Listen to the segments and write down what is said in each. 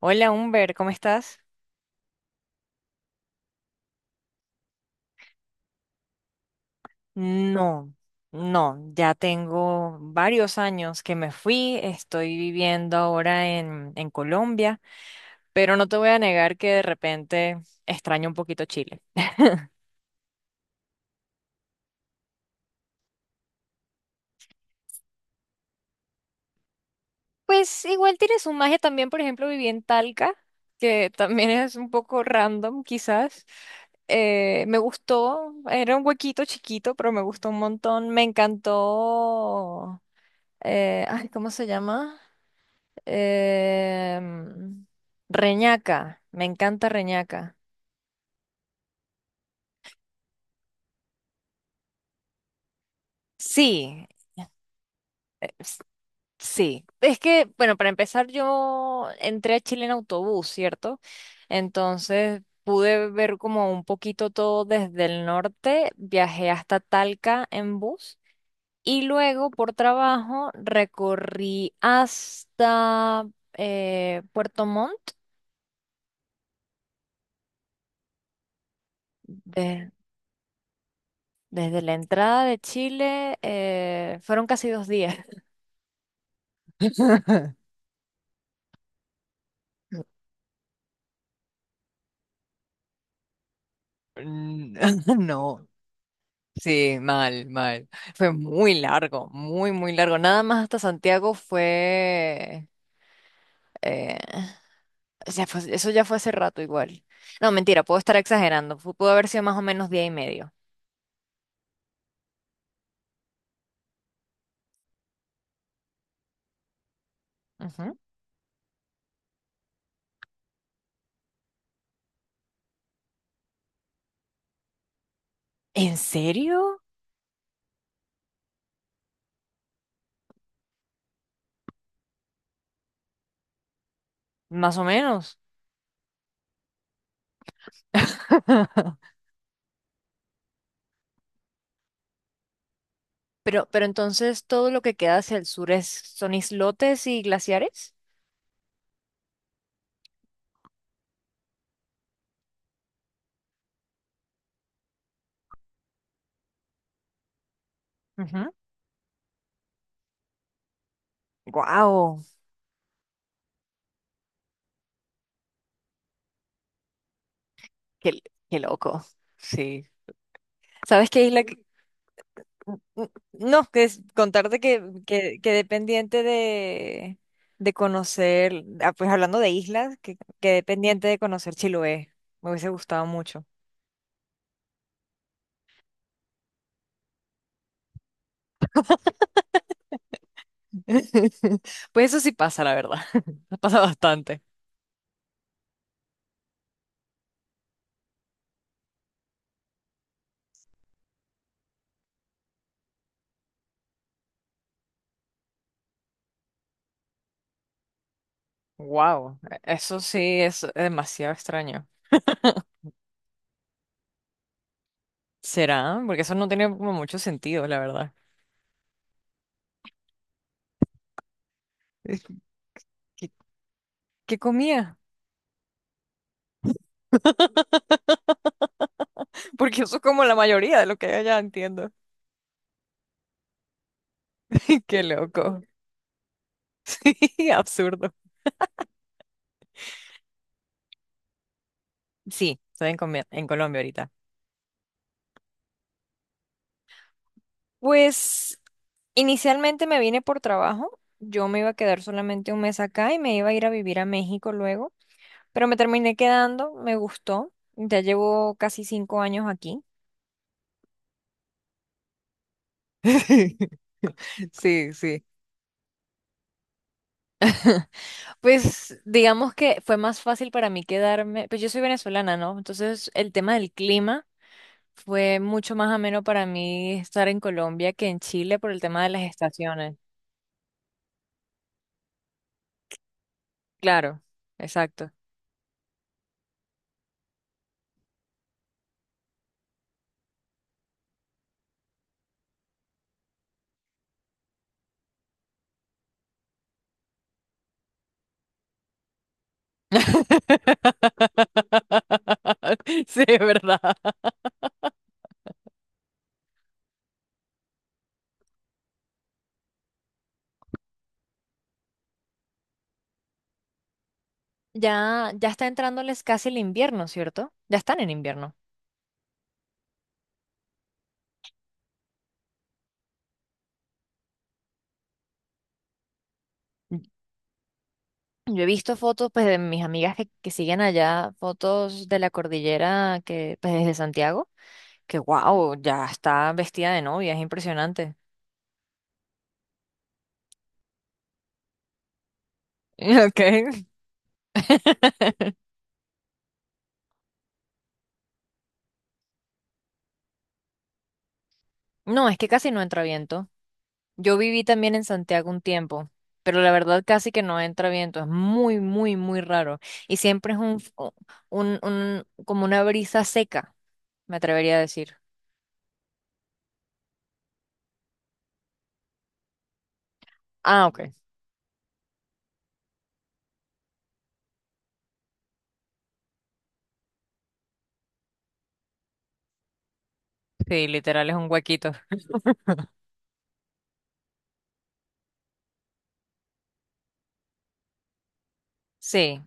Hola, Humber, ¿cómo estás? No, no, ya tengo varios años que me fui, estoy viviendo ahora en Colombia, pero no te voy a negar que de repente extraño un poquito Chile. Pues igual tiene su magia también, por ejemplo, viví en Talca, que también es un poco random quizás. Me gustó, era un huequito chiquito, pero me gustó un montón, me encantó, ay, ¿cómo se llama? Em, Reñaca, me encanta Reñaca. Sí, s- sí. Es que, bueno, para empezar, yo entré a Chile en autobús, ¿cierto? Entonces pude ver como un poquito todo desde el norte, viajé hasta Talca en bus y luego por trabajo recorrí hasta Puerto Montt. de- desde la entrada de Chile, fueron casi 2 días. Mm, no, sí, mal, mal. Fue muy largo, muy, muy largo. Nada más hasta Santiago fue... eh, o sea, eso ya fue hace rato igual. No, mentira, puedo estar exagerando. Pudo haber sido más o menos día y medio. Ujú. ¿En serio? Más o menos. Pero entonces todo lo que queda hacia el sur son islotes y glaciares. Wow, qué, qué loco. Sí. ¿Sabes qué isla? No, que es contarte que, quedé pendiente de, conocer, ah, pues hablando de islas, que quedé pendiente de conocer Chiloé. Me hubiese gustado mucho. Pues eso sí pasa, la verdad. Pasa bastante. Wow, eso sí es demasiado extraño. ¿Será? Porque eso no tiene como mucho sentido, la verdad. Es- ¿Qué, qué comía? Porque eso es como la mayoría de lo que hay allá, entiendo. Qué loco. Absurdo. Sí, estoy en Colombia ahorita. Pues inicialmente me vine por trabajo. Yo me iba a quedar solamente un mes acá y me iba a ir a vivir a México luego, pero me terminé quedando, me gustó. Ya llevo casi 5 años aquí. Sí, sí. Pues digamos que fue más fácil para mí quedarme, pues yo soy venezolana, ¿no? Entonces el tema del clima fue mucho más ameno para mí estar en Colombia que en Chile por el tema de las estaciones. Claro, exacto. Sí, es verdad. Ya, ya está entrándoles casi el invierno, ¿cierto? Ya están en invierno. Yo he visto fotos pues de mis amigas que siguen allá, fotos de la cordillera que pues desde Santiago, que wow, ya está vestida de novia, es impresionante. Ok. No, es que casi no entra viento. Yo viví también en Santiago un tiempo, pero la verdad casi que no entra viento, es muy, muy, muy raro. Y siempre es un como una brisa seca, me atrevería a decir. Ah, ok. Sí, literal es un huequito. Sí,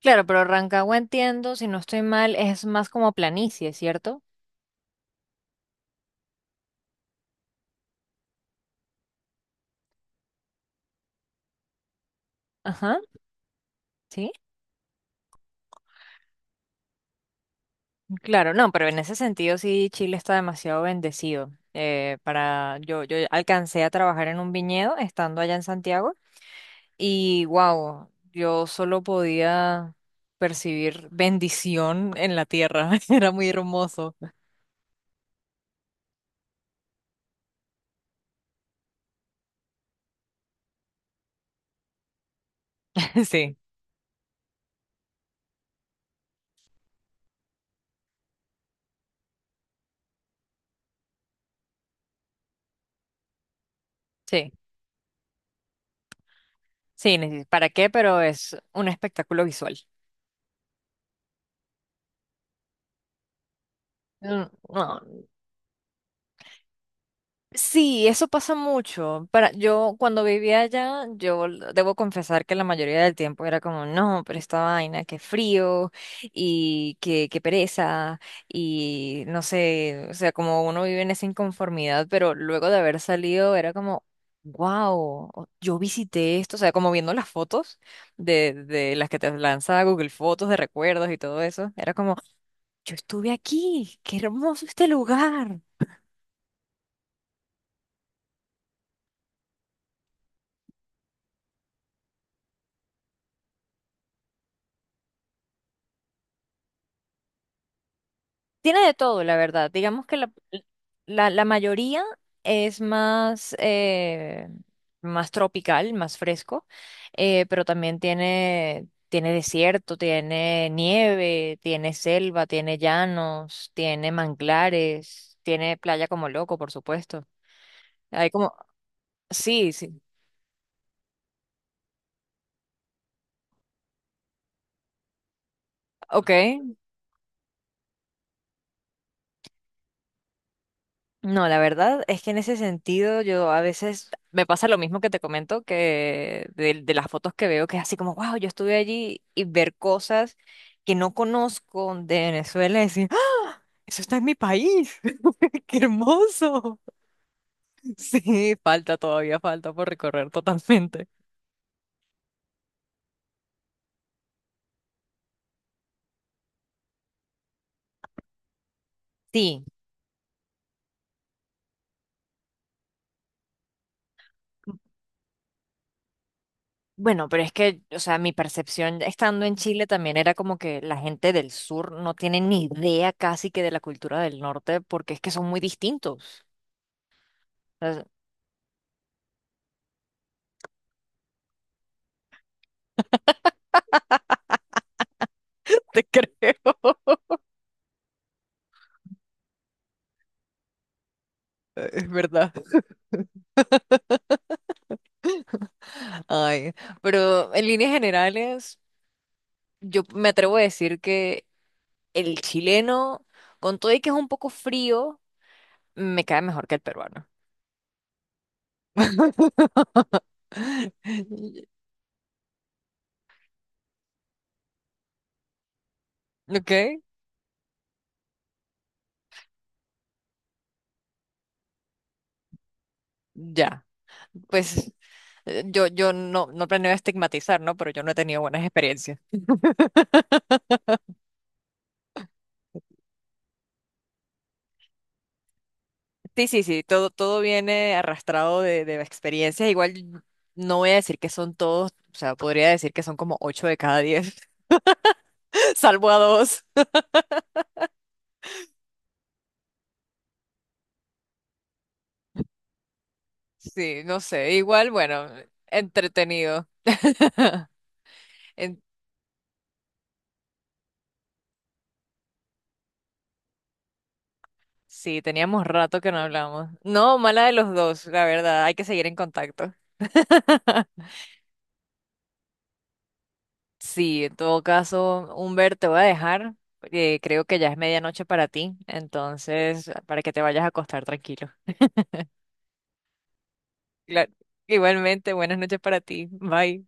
claro, pero Rancagua entiendo, si no estoy mal, es más como planicie, ¿cierto? Ajá, sí. Claro, no, pero en ese sentido sí, Chile está demasiado bendecido. Yo alcancé a trabajar en un viñedo estando allá en Santiago. Y wow, yo solo podía percibir bendición en la tierra. Era muy hermoso. Sí, sí, sí, ¿para qué? Pero es un espectáculo visual. Mm, no, sí, eso pasa mucho. Para, yo cuando vivía allá, yo debo confesar que la mayoría del tiempo era como, no, pero esta vaina, qué frío y qué pereza y no sé, o sea, como uno vive en esa inconformidad, pero luego de haber salido era como, wow, yo visité esto, o sea, como viendo las fotos de, las que te lanza Google Fotos de recuerdos y todo eso, era como, yo estuve aquí, qué hermoso este lugar. Tiene de todo, la verdad. Digamos que la mayoría es más, más tropical, más fresco, pero también tiene, tiene desierto, tiene nieve, tiene selva, tiene llanos, tiene manglares, tiene playa como loco, por supuesto. Hay como, sí, sí, ok. No, la verdad es que en ese sentido yo a veces me pasa lo mismo que te comento, que de, las fotos que veo, que es así como, wow, yo estuve allí y ver cosas que no conozco de Venezuela y decir, "¡Ah! eso está en mi país, qué hermoso. Sí, falta todavía, falta por recorrer totalmente. Sí, bueno, pero es que, o sea, mi percepción estando en Chile también era como que la gente del sur no tiene ni idea casi que de la cultura del norte porque es que son muy distintos. Te creo, es verdad. Ay, pero en líneas generales, yo me atrevo a decir que el chileno, con todo y que es un poco frío, me cae mejor que el peruano. ¿Ok? Ya. Pues yo, no, no planeo estigmatizar, ¿no? Pero yo no he tenido buenas experiencias. Sí, sí, sí, todo, todo viene arrastrado de, experiencias. Igual no voy a decir que son todos, o sea, podría decir que son como 8 de cada 10, salvo a dos. Sí, no sé, igual, bueno, entretenido. En- Sí, teníamos rato que no hablamos. No, mala de los dos, la verdad, hay que seguir en contacto. Sí, en todo caso, Humbert, te voy a dejar. Creo que ya es medianoche para ti, entonces, para que te vayas a acostar tranquilo. Claro. Igualmente, buenas noches para ti. Bye.